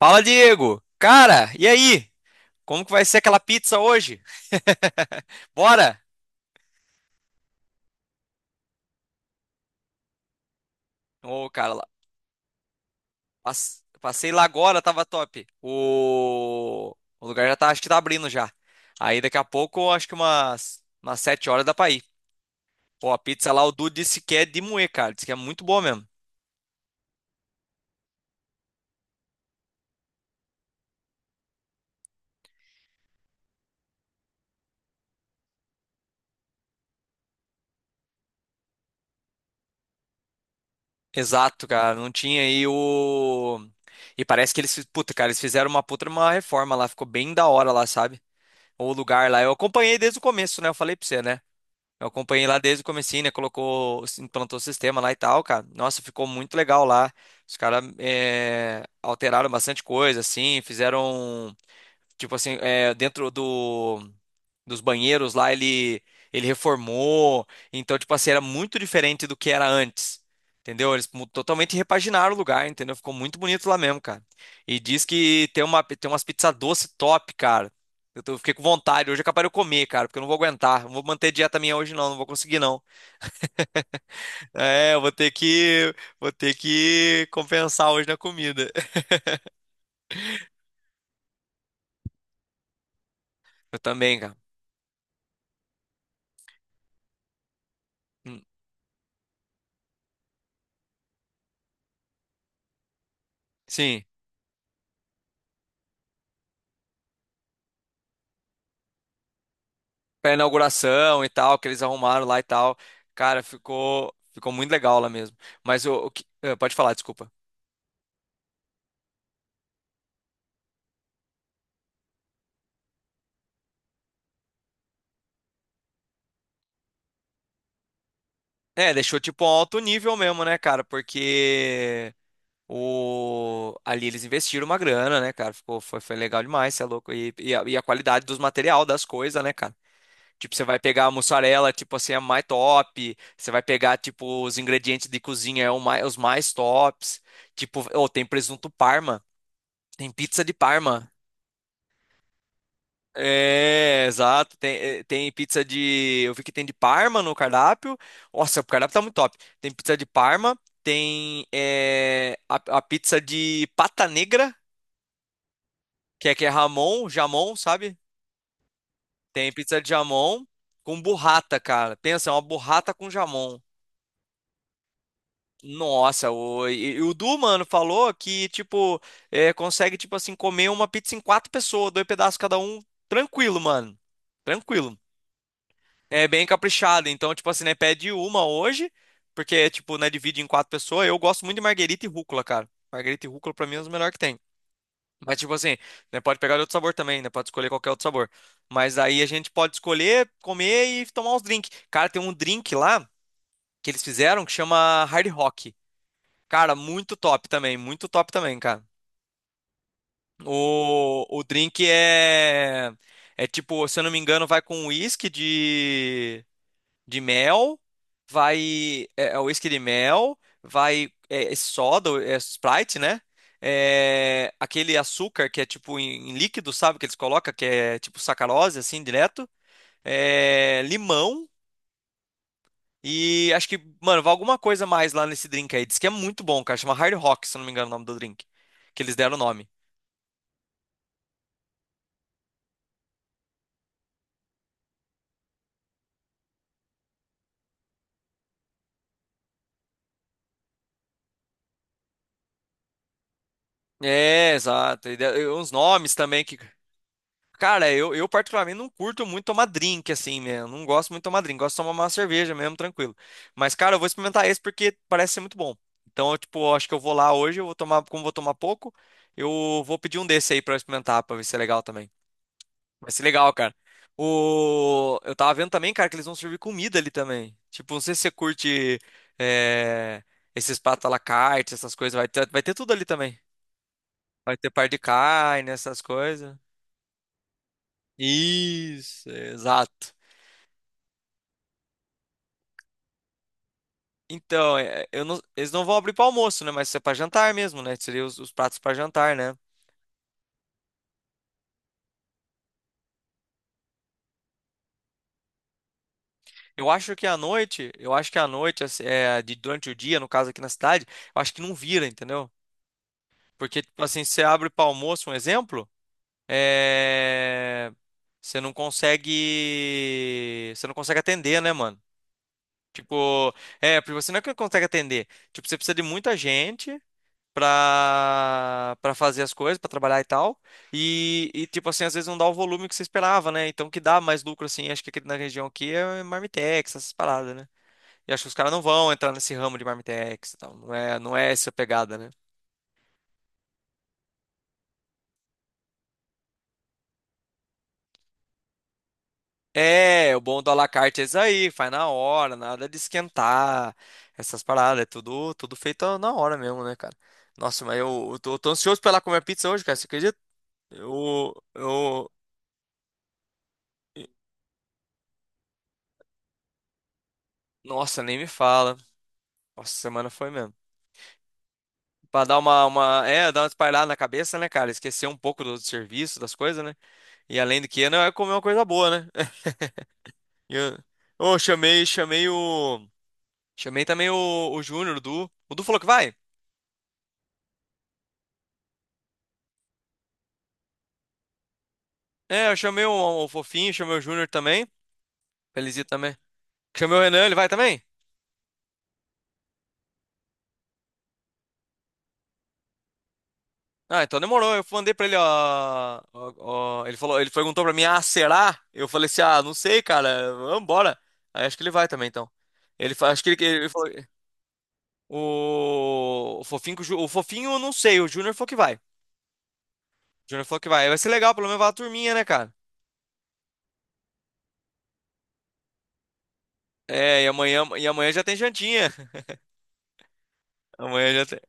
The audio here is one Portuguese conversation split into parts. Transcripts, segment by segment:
Fala, Diego! Cara, e aí? Como que vai ser aquela pizza hoje? Bora! Ô, cara, passei lá agora, tava top. O lugar já tá, acho que tá abrindo já. Aí daqui a pouco, acho que umas 7h dá pra ir. Pô, a pizza lá, o Dudu disse que é de moer, cara. Disse que é muito boa mesmo. Exato, cara. Não tinha aí o. E parece que eles, puta, cara, eles fizeram uma puta uma reforma lá, ficou bem da hora lá, sabe? O lugar lá. Eu acompanhei desde o começo, né? Eu falei pra você, né? Eu acompanhei lá desde o comecinho, né? Colocou, implantou o sistema lá e tal, cara. Nossa, ficou muito legal lá. Os caras alteraram bastante coisa, assim, fizeram, tipo assim, é, dentro do dos banheiros lá, ele reformou. Então, tipo assim, era muito diferente do que era antes. Entendeu? Eles totalmente repaginaram o lugar, entendeu? Ficou muito bonito lá mesmo, cara. E diz que tem umas pizzas doce top, cara. Fiquei com vontade. Hoje é capaz de eu comer, cara, porque eu não vou aguentar. Não vou manter dieta minha hoje, não. Não vou conseguir, não. É, eu vou ter que compensar hoje na comida. Eu também, cara. Hum. Sim. Pra inauguração e tal, que eles arrumaram lá e tal. Cara, ficou muito legal lá mesmo. Mas pode falar, desculpa. É, deixou tipo um alto nível mesmo, né, cara? Porque o ali eles investiram uma grana, né, cara? Ficou foi legal demais, você é louco. E a qualidade dos material das coisas, né, cara? Tipo, você vai pegar a mussarela, tipo assim, é mais top. Você vai pegar, tipo, os ingredientes de cozinha, os mais tops. Tipo, ou tem presunto Parma, tem pizza de Parma. É, exato. Tem pizza de. Eu vi que tem de Parma no cardápio. Nossa, o cardápio tá muito top. Tem pizza de Parma, tem a pizza de pata negra, que é Ramon, jamon, sabe? Tem pizza de jamon com burrata, cara. Pensa, é uma burrata com jamon. Nossa, o, e o Du, mano, falou que, tipo, consegue, tipo assim, comer uma pizza em quatro pessoas, dois pedaços cada um, tranquilo, mano. Tranquilo. É bem caprichado. Então, tipo assim, né? Pede uma hoje, porque, tipo, né? Divide em quatro pessoas. Eu gosto muito de marguerita e rúcula, cara. Marguerita e rúcula, pra mim, é os melhores que tem. Mas, tipo assim, né? Pode pegar de outro sabor também, né? Pode escolher qualquer outro sabor. Mas aí a gente pode escolher, comer e tomar uns drinks. Cara, tem um drink lá que eles fizeram que chama Hard Rock. Cara, muito top também. Muito top também, cara. O drink é. É tipo, se eu não me engano, vai com uísque de. Mel, vai é whisky de mel, vai é soda, é Sprite, né? É, aquele açúcar que é tipo em líquido, sabe? Que eles colocam, que é tipo sacarose, assim, direto. É, limão e acho que, mano, vai alguma coisa mais lá nesse drink aí. Diz que é muito bom, cara. Chama Hard Rock, se eu não me engano, o nome do drink. Que eles deram o nome. É, exato. E uns nomes também que. Cara, eu particularmente não curto muito tomar drink, assim, mesmo. Não gosto muito de tomar drink. Gosto de tomar uma cerveja mesmo, tranquilo. Mas, cara, eu vou experimentar esse porque parece ser muito bom. Então, eu, tipo, eu acho que eu vou lá hoje, eu vou tomar, como eu vou tomar pouco, eu vou pedir um desse aí pra eu experimentar, pra ver se é legal também. Vai ser legal, cara. Eu tava vendo também, cara, que eles vão servir comida ali também. Tipo, não sei se você curte é, esses pratos à la carte, essas coisas. Vai ter tudo ali também. Vai ter par de carne, essas coisas. Isso, exato. Então, é, eu não- eles não vão abrir para almoço, né? Mas isso é para jantar mesmo, né? Seria os pratos para jantar, né? Eu acho que à noite, assim, durante o dia, no caso aqui na cidade, eu acho que não vira, entendeu? Porque, tipo assim, você abre para almoço, um exemplo, é, você não consegue atender, né, mano? Tipo, porque você não é que consegue atender. Tipo, você precisa de muita gente. Pra pra fazer as coisas, pra trabalhar e tal. Tipo assim, às vezes não dá o volume que você esperava, né? Então, o que dá mais lucro, assim, acho que aqui na região aqui é Marmitex, essas paradas, né? E acho que os caras não vão entrar nesse ramo de Marmitex e tal. Não é essa pegada, né? É, o bom do à la carte é isso aí, faz na hora, nada de esquentar, essas paradas, é tudo feito na hora mesmo, né, cara? Nossa, mas eu tô ansioso pra ir lá comer pizza hoje, cara, você acredita? Eu, eu, nossa, nem me fala. Nossa, semana foi mesmo. Pra dar uma espalhada na cabeça, né, cara? Esquecer um pouco do serviço, das coisas, né? E além do que, não é comer uma coisa boa, né? E Eu, Chamei o. Chamei também o Júnior, o Du. O Du falou que vai? É, eu chamei o Fofinho, chamei o Júnior também. Feliz dia também. Chamei o Renan, ele vai também? Ah, então demorou. Eu mandei pra ele, ó, ele perguntou pra mim, ah, será? Eu falei assim, ah, não sei, cara. Vambora. Aí acho que ele vai também, então. Ele, acho que ele falou. O Fofinho, com o Fofinho, eu não sei, o Júnior falou que vai. O Júnior falou que vai. Vai ser legal, pelo menos vai a turminha, né, cara? É, e amanhã já tem jantinha. Amanhã já tem.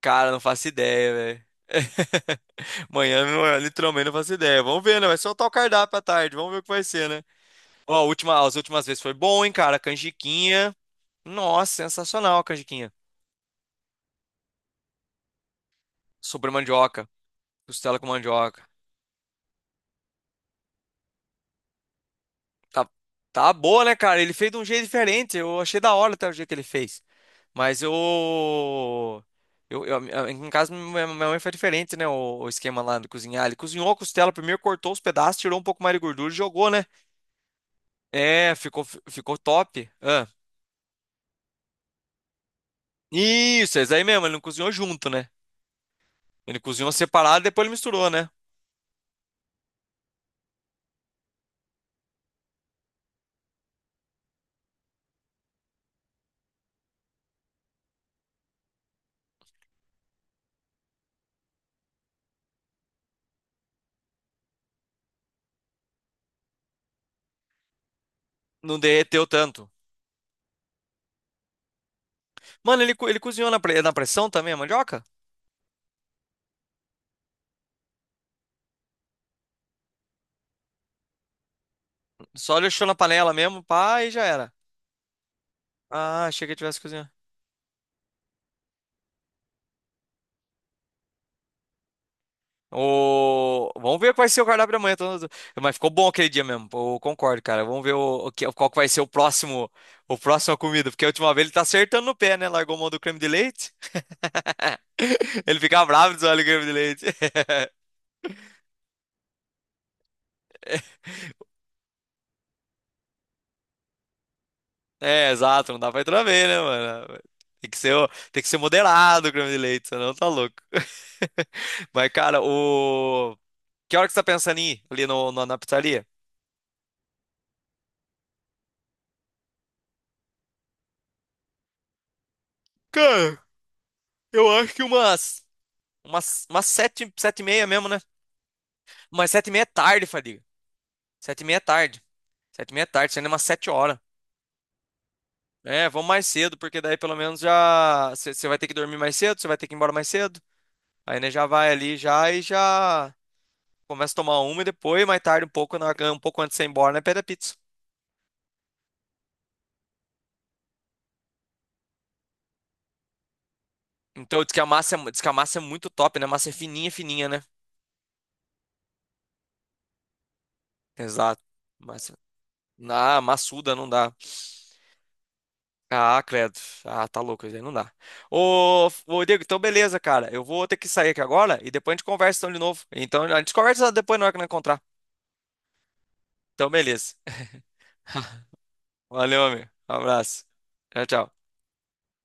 Cara, não faço ideia, velho. Amanhã, literalmente, não faço ideia. Vamos ver, né? Vai soltar o cardápio à tarde. Vamos ver o que vai ser, né? Ó, as últimas vezes foi bom, hein, cara? Canjiquinha. Nossa, sensacional a canjiquinha. Sobre mandioca. Costela com mandioca. Tá, tá boa, né, cara? Ele fez de um jeito diferente. Eu achei da hora até o jeito que ele fez. Mas em casa minha mãe foi diferente, né? O esquema lá de cozinhar. Ele cozinhou a costela primeiro, cortou os pedaços, tirou um pouco mais de gordura e jogou, né? É, ficou top. Ah. Isso, é isso aí mesmo. Ele não cozinhou junto, né? Ele cozinhou separado, depois ele misturou, né? Não derreteu tanto. Mano, ele cozinhou na pressão também, a mandioca? Só deixou na panela mesmo, pá, e já era. Ah, achei que ele tivesse cozinhado. Vamos ver qual vai ser o cardápio da manhã. Mas ficou bom aquele dia mesmo. Pô, eu concordo, cara. Vamos ver qual que vai ser o próximo comida. Porque a última vez ele tá acertando no pé, né? Largou mão do creme de leite. Ele fica bravo de olha o creme de leite. É, exato. Não dá pra entrar bem, né, mano? Tem que ser moderado o creme de leite, senão tá louco. Mas, cara, que hora que você tá pensando em ir ali no, na na pizzaria? Cara, eu acho que umas 7, 7h30 mesmo, né? Mas 7h30 é tarde, Fadiga. 7h30 é tarde. 7h30 é tarde, sendo umas 7h. É, vamos mais cedo, porque daí pelo menos já. Você vai ter que dormir mais cedo, você vai ter que ir embora mais cedo. Aí, né, já vai ali já e já. Começa a tomar uma e depois, mais tarde, um pouco, um pouco antes de você ir embora, né, pede a pizza. Então, diz que a massa é muito top, né? A massa é fininha, fininha, né? Exato. Massa. Ah, massuda não dá. Ah, credo. Ah, tá louco, isso aí não dá. Ô, Diego, então beleza, cara. Eu vou ter que sair aqui agora e depois a gente conversa então de novo. Então a gente conversa depois na hora que nós encontrar. Então beleza. Valeu, amigo. Um abraço. Tchau, tchau.